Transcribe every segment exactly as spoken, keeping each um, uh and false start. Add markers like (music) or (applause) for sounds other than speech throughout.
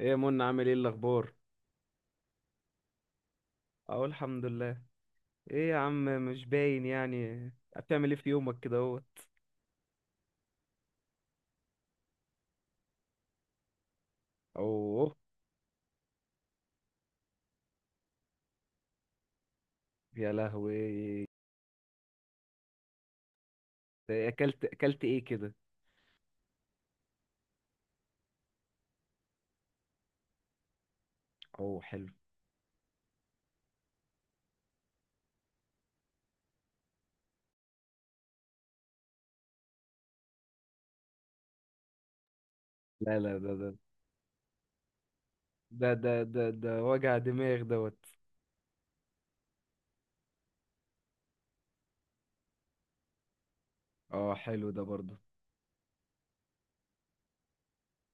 ايه يا منى عامل ايه الاخبار؟ اقول الحمد لله. ايه يا عم مش باين يعني. بتعمل ايه في يومك كده اهو؟ اوه. يا لهوي. ده ايه، اكلت اكلت ايه كده؟ اوه، حلو. لا لا، ده ده ده ده ده, ده وجع دماغ دوت. اه حلو ده برضه.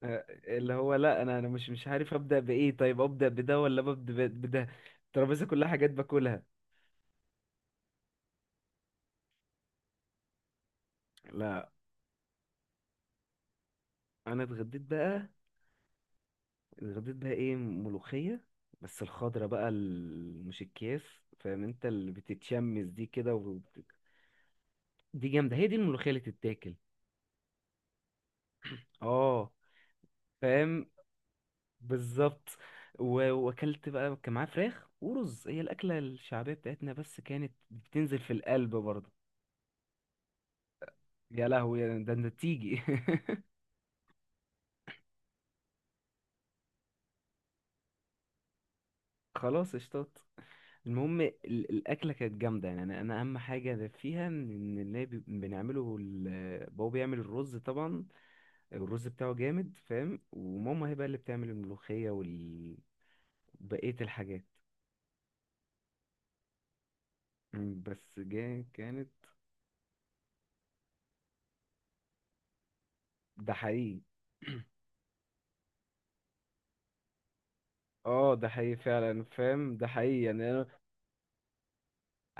آه، اللي هو لا انا انا مش مش عارف ابدا بايه، طيب ابدا بده ولا ببدا ب- بده. الترابيزه كلها حاجات باكلها. لا، انا اتغديت بقى. الغديت بقى ايه؟ ملوخية. بس الخضرة بقى ال- مش الكياس. فاهم انت اللي بتتشمس دي كده وبت... دي جامدة، هي دي الملوخية اللي تتاكل. اه، فاهم. بالظبط. و- واكلت بقى، كان معاه فراخ ورز، هي الاكلة الشعبية بتاعتنا بس كانت بتنزل في القلب برضه. يا لهوي، ده انت تيجي. (laughs) خلاص، اشطات. المهم ال- الاكله كانت جامده، يعني انا أنا اهم حاجه فيها ان إن اللي بي- بنعمله ال- بابا بيعمل الرز طبعا. الرز بتاعه جامد، فاهم، وماما هي بقى اللي بتعمل الملوخية وبقية الحاجات. مم، بس جا كانت. ده حقيقي. اه، ده حقيقي فعلا، فاهم، ده حقيقي، يعني انا.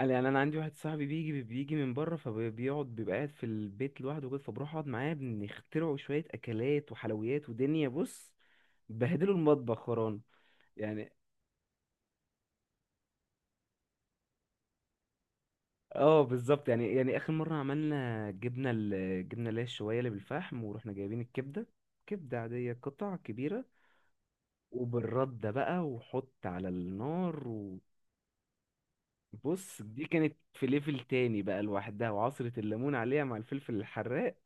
أنا- يعني انا عندي واحد صاحبي بيجي بيجي من بره، فبيقعد بيبقى قاعد في البيت لوحده كده، فبروح اقعد معاه، بنخترعوا شوية اكلات وحلويات ودنيا، بص. بهدلوا المطبخ خران. يعني اه بالظبط، يعني يعني اخر مرة عملنا جبنة، الجبنة اللي هي الشوية اللي بالفحم، ورحنا جايبين الكبدة. كبدة عادية، قطع كبيرة. وبالردة بقى، وحط على النار. وبص، دي كانت في ليفل تاني بقى لوحدها، وعصرة الليمون عليها مع الفلفل الحراق.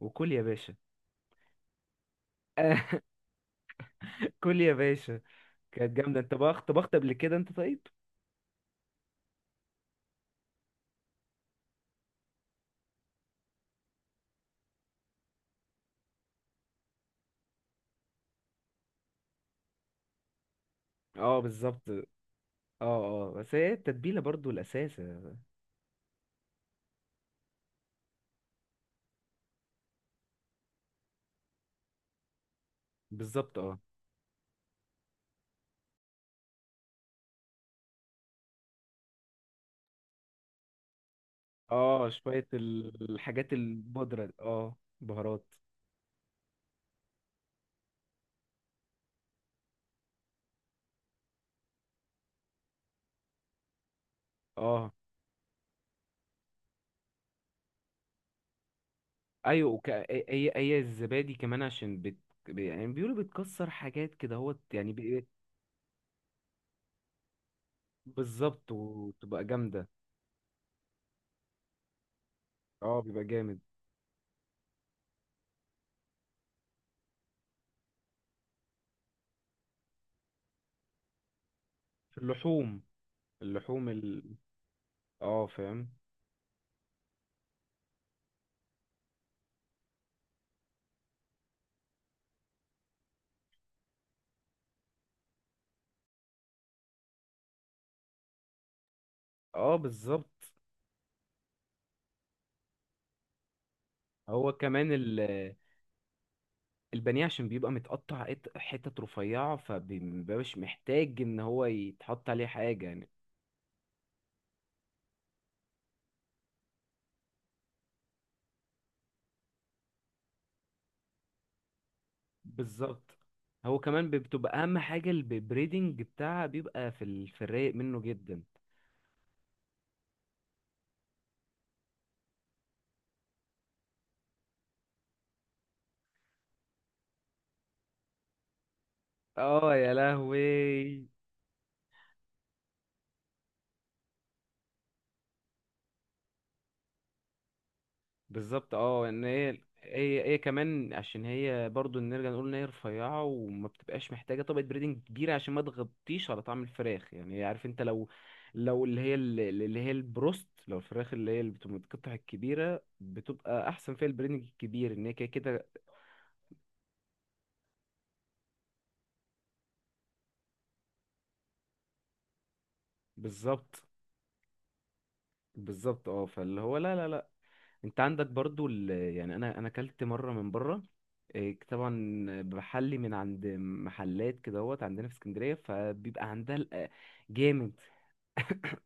وكل يا باشا. (laughs) كل يا باشا. كانت جامدة، انت بقى طبخت قبل كده انت طيب؟ اه بالظبط، اه. اه، بس هي التتبيلة برضو الأساس. بالظبط، اه. اه، شوية ال- الحاجات البودرة، اه، بهارات. اه، ايوه، وك... هي هي الزبادي كمان عشان بت... يعني بيقولوا بتكسر حاجات كده هو يعني. بالظبط، وتبقى جامدة. اه، بيبقى جامد. في اللحوم. اللحوم ال... اه، فاهم، اه، بالظبط. هو كمان ال... البانيه عشان بيبقى متقطع، قط- حتت رفيعة، فمبيبقاش محتاج ان هو يتحط عليه حاجة يعني. بالظبط. هو كمان بتبقى اهم حاجة البريدنج بتاعها، بيبقى في ال- في الرايق منه جدا. اه، يا لهوي. بالظبط، اه، ان هي هي هي كمان عشان هي برضو نرجع نقول ان هي رفيعه وما بتبقاش محتاجه طبقه بريدنج كبيره، عشان ما تغطيش على طعم الفراخ، يعني عارف انت لو لو اللي هي ال- اللي هي البروست، لو الفراخ اللي هي اللي بتبقى متقطع الكبيره بتبقى احسن فيها البريدنج الكبير، ان هي كده كده. بالظبط، بالظبط. اه، فاللي هو لا لا لا. انت عندك برضو ال... يعني انا انا اكلت مره من بره. إيه، طبعا. بحلي من عند محلات كدهوت عندنا في اسكندريه، فبيبقى عندها الأ- جامد.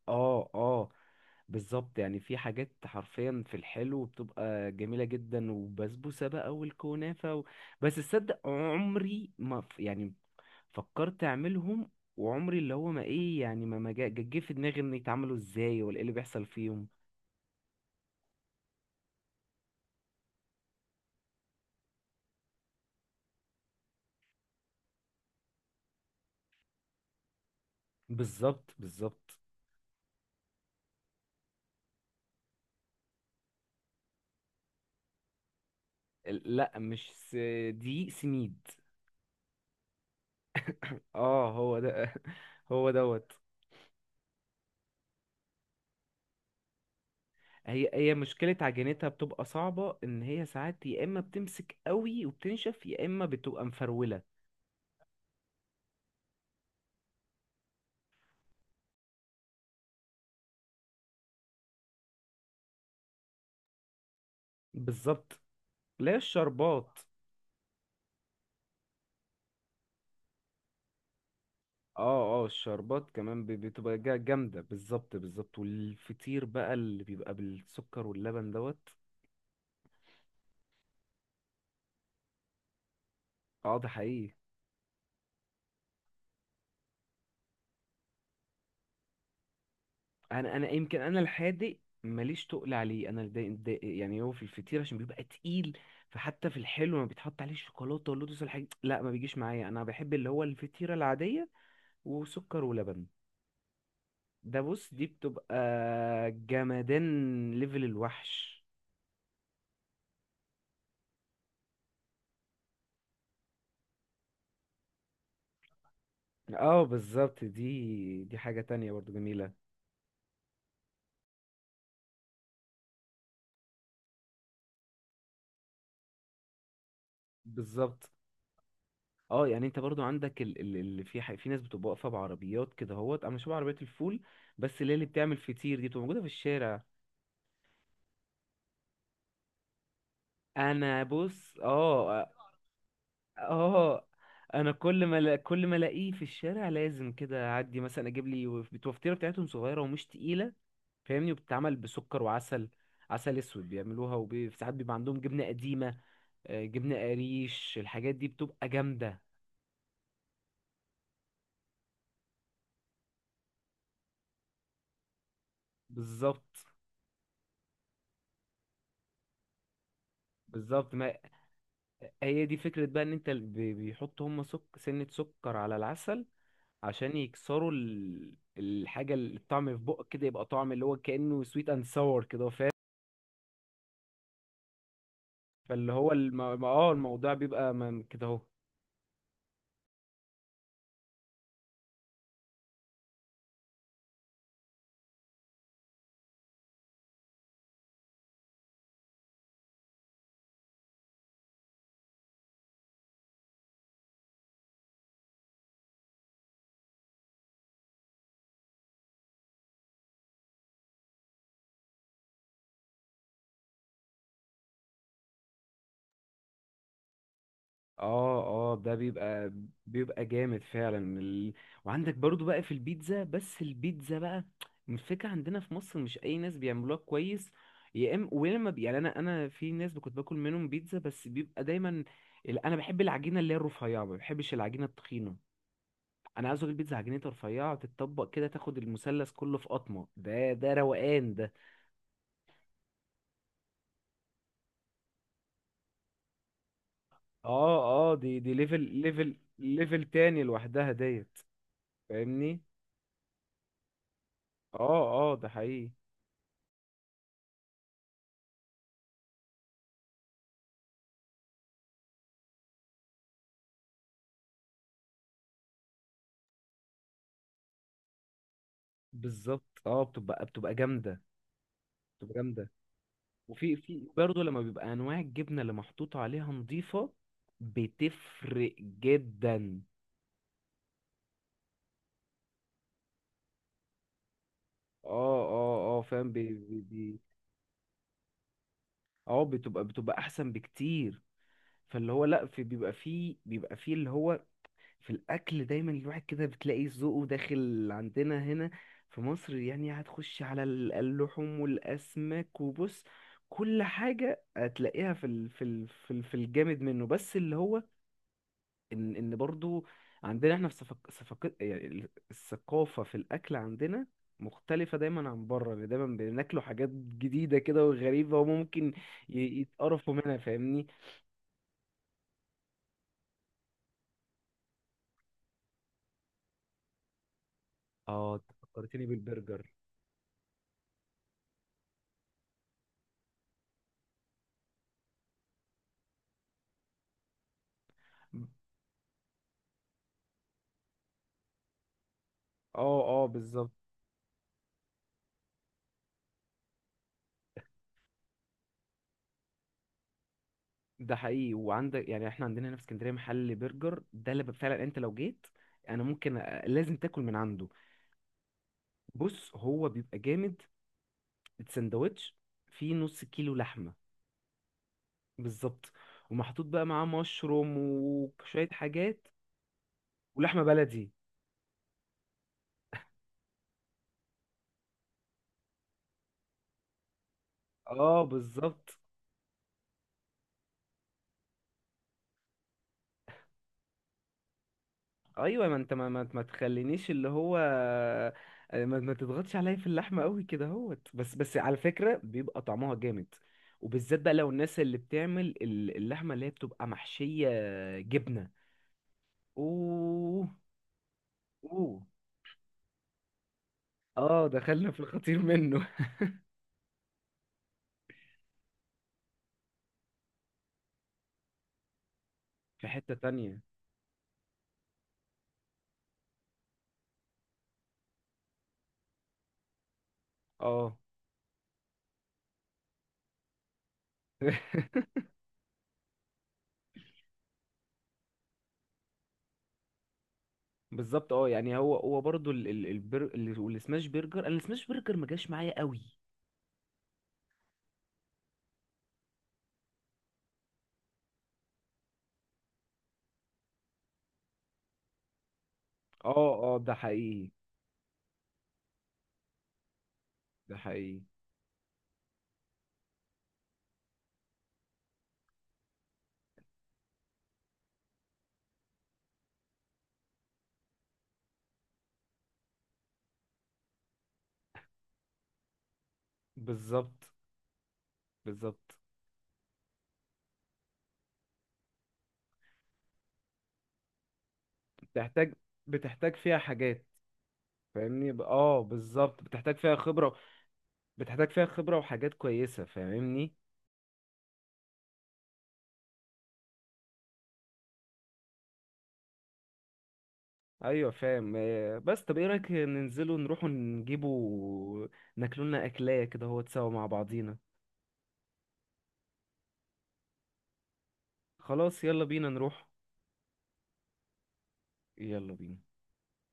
اه، اه، بالظبط. يعني في حاجات حرفيا في الحلو بتبقى جميله جدا، وبسبوسه بقى والكنافه و... بس تصدق عمري ما ف- يعني فكرت اعملهم. وعمري اللي هو ما ايه يعني، ما ما جا- جه في دماغي ان يتعملوا ازاي ولا ايه اللي بيحصل فيهم. بالظبط، بالظبط. لا، مش س... دقيق سميد. اه، هو ده، (laughs) هو دوت. هي هي مشكلة عجينتها بتبقى صعبة، ان هي ساعات يا اما بتمسك قوي وبتنشف، يا اما بتبقى مفرولة. بالظبط. لا، الشربات. اه، اه، الشربات كمان ب- بتبقى جا- جامدة، بالظبط، بالظبط. والفطير بقى اللي بيبقى بالسكر واللبن دوت. اه، ده حقيقي. انا انا يمكن انا الحادق. ماليش تقل عليه، انا الدا- الدا- يعني هو في الفطير عشان بيبقى تقيل. فحتى في الحلو لما بيتحط عليه الشوكولاته واللوتس والحاجات، لا، ما بيجيش معايا، انا بحب اللي هو الفطيره العاديه. وسكر ولبن. ده بص، دي بتبقى جمدان ليفل الوحش. اه، بالظبط، دي دي حاجه تانية برضو جميله. بالظبط، اه، يعني انت برضو عندك ال- ال- اللي في ح- في ناس بتبقى واقفه بعربيات كده اهوت، انا شبه عربيات الفول. بس اللي هي اللي بتعمل فطير دي بتبقى موجوده في الشارع. انا، بص، اه. اه، انا كل ما لا- كل ما الاقيه في الشارع لازم كده اعدي مثلا اجيب لي، وف- الوفطيره بتاعتهم صغيره ومش تقيله. فاهمني، وبتتعمل بسكر وعسل. عسل اسود بيعملوها، وساعات بيبقى عندهم جبنه قديمه، آه، جبنه قريش، الحاجات دي بتبقى جامده. بالظبط، بالظبط، ما هي دي فكره بقى، ان انت ال- بي- بيحطوا هم سك سنه سكر على العسل عشان يكسروا ال... الحاجه، الطعم في بقك كده يبقى طعم اللي هو كانه سويت اند ساور كده. فاللي هو الم... اه، الموضوع بيبقى ما- كده اهو. اه، اه، ده بيبقى، بيبقى جامد فعلا ال... وعندك برضو بقى في البيتزا، بس البيتزا بقى الفكرة عندنا في مصر مش اي ناس بيعملوها كويس. يا اما ويا اما يعني، انا انا في ناس كنت باكل منهم بيتزا، بس بيبقى دايما ال- انا بحب العجينه اللي هي الرفيعه، ما بحبش العجينه التخينه. انا عايز اكل بيتزا عجينتها رفيعه، تتطبق كده تاخد المثلث كله في قطمه، ده ده روقان ده. اه، اه، دي دي ليفل ليفل ليفل تاني لوحدها ديت. فاهمني. اه، اه، ده حقيقي. بالظبط، اه، بتبقى بتبقى جامده. بتبقى جامده. وفي في برضه لما بيبقى انواع الجبنه اللي محطوط عليها نظيفه، بتفرق جدا. اه، اه، اه، فاهم، بي بي بي اه، بتبقى بتبقى احسن بكتير. فاللي هو لا، في بيبقى فيه بيبقى فيه اللي هو في الاكل دايما الواحد كده بتلاقي ذوقه داخل عندنا هنا في مصر، يعني هتخش على ال- اللحوم والاسماك، وبص كل حاجه هتلاقيها في ال في ال في, ال في الجامد منه، بس اللي هو ان ان برضو عندنا احنا في صفق صفق يعني ال- الثقافه في الاكل عندنا مختلفة دايما عن بره، يعني دايما بناكلوا حاجات جديدة كده وغريبة، وممكن ي- يتقرفوا منها، فاهمني. اه، أنت فكرتني بالبرجر. اه، اه، بالظبط. ده حقيقي، وعندك يعني احنا عندنا هنا في اسكندريه محل برجر، ده اللي فعلا انت لو جيت انا ممكن أ- لازم تاكل من عنده. بص، هو بيبقى جامد، السندوتش فيه نص كيلو لحمه. بالظبط. ومحطوط بقى معاه مشروم وشويه حاجات. ولحمه بلدي. اه، بالظبط. ايوه، ما انت ما, ما, ما تخلينيش اللي هو، آه، ما, ما تضغطش عليا في اللحمه قوي كده اهوت، بس بس على فكره بيبقى طعمها جامد. وبالذات بقى لو الناس اللي بتعمل ال- اللحمه اللي هي بتبقى محشيه جبنه. اوه، اوه. اه، دخلنا في الخطير منه. (laughs) في حته تانية. اه. (laughs) بالظبط، اه، يعني هو هو برضو ال- ال- البر... ال- والسماش برجر، انا السماش برجر ما جاش معايا قوي. اه، اه، ده حقيقي. ده حقيقي، بالظبط، بالظبط. بتحتاج، بتحتاج فيها حاجات. فاهمني، ب- اه، بالظبط، بتحتاج فيها خبرة، بتحتاج فيها خبرة وحاجات كويسة، فاهمني. ايوه، فاهم، آه، بس طب ايه رأيك ننزلوا نروحوا نجيبوا ناكلولنا اكلاية كده هو تسوا مع بعضينا؟ خلاص، يلا بينا نروح. يلا بينا.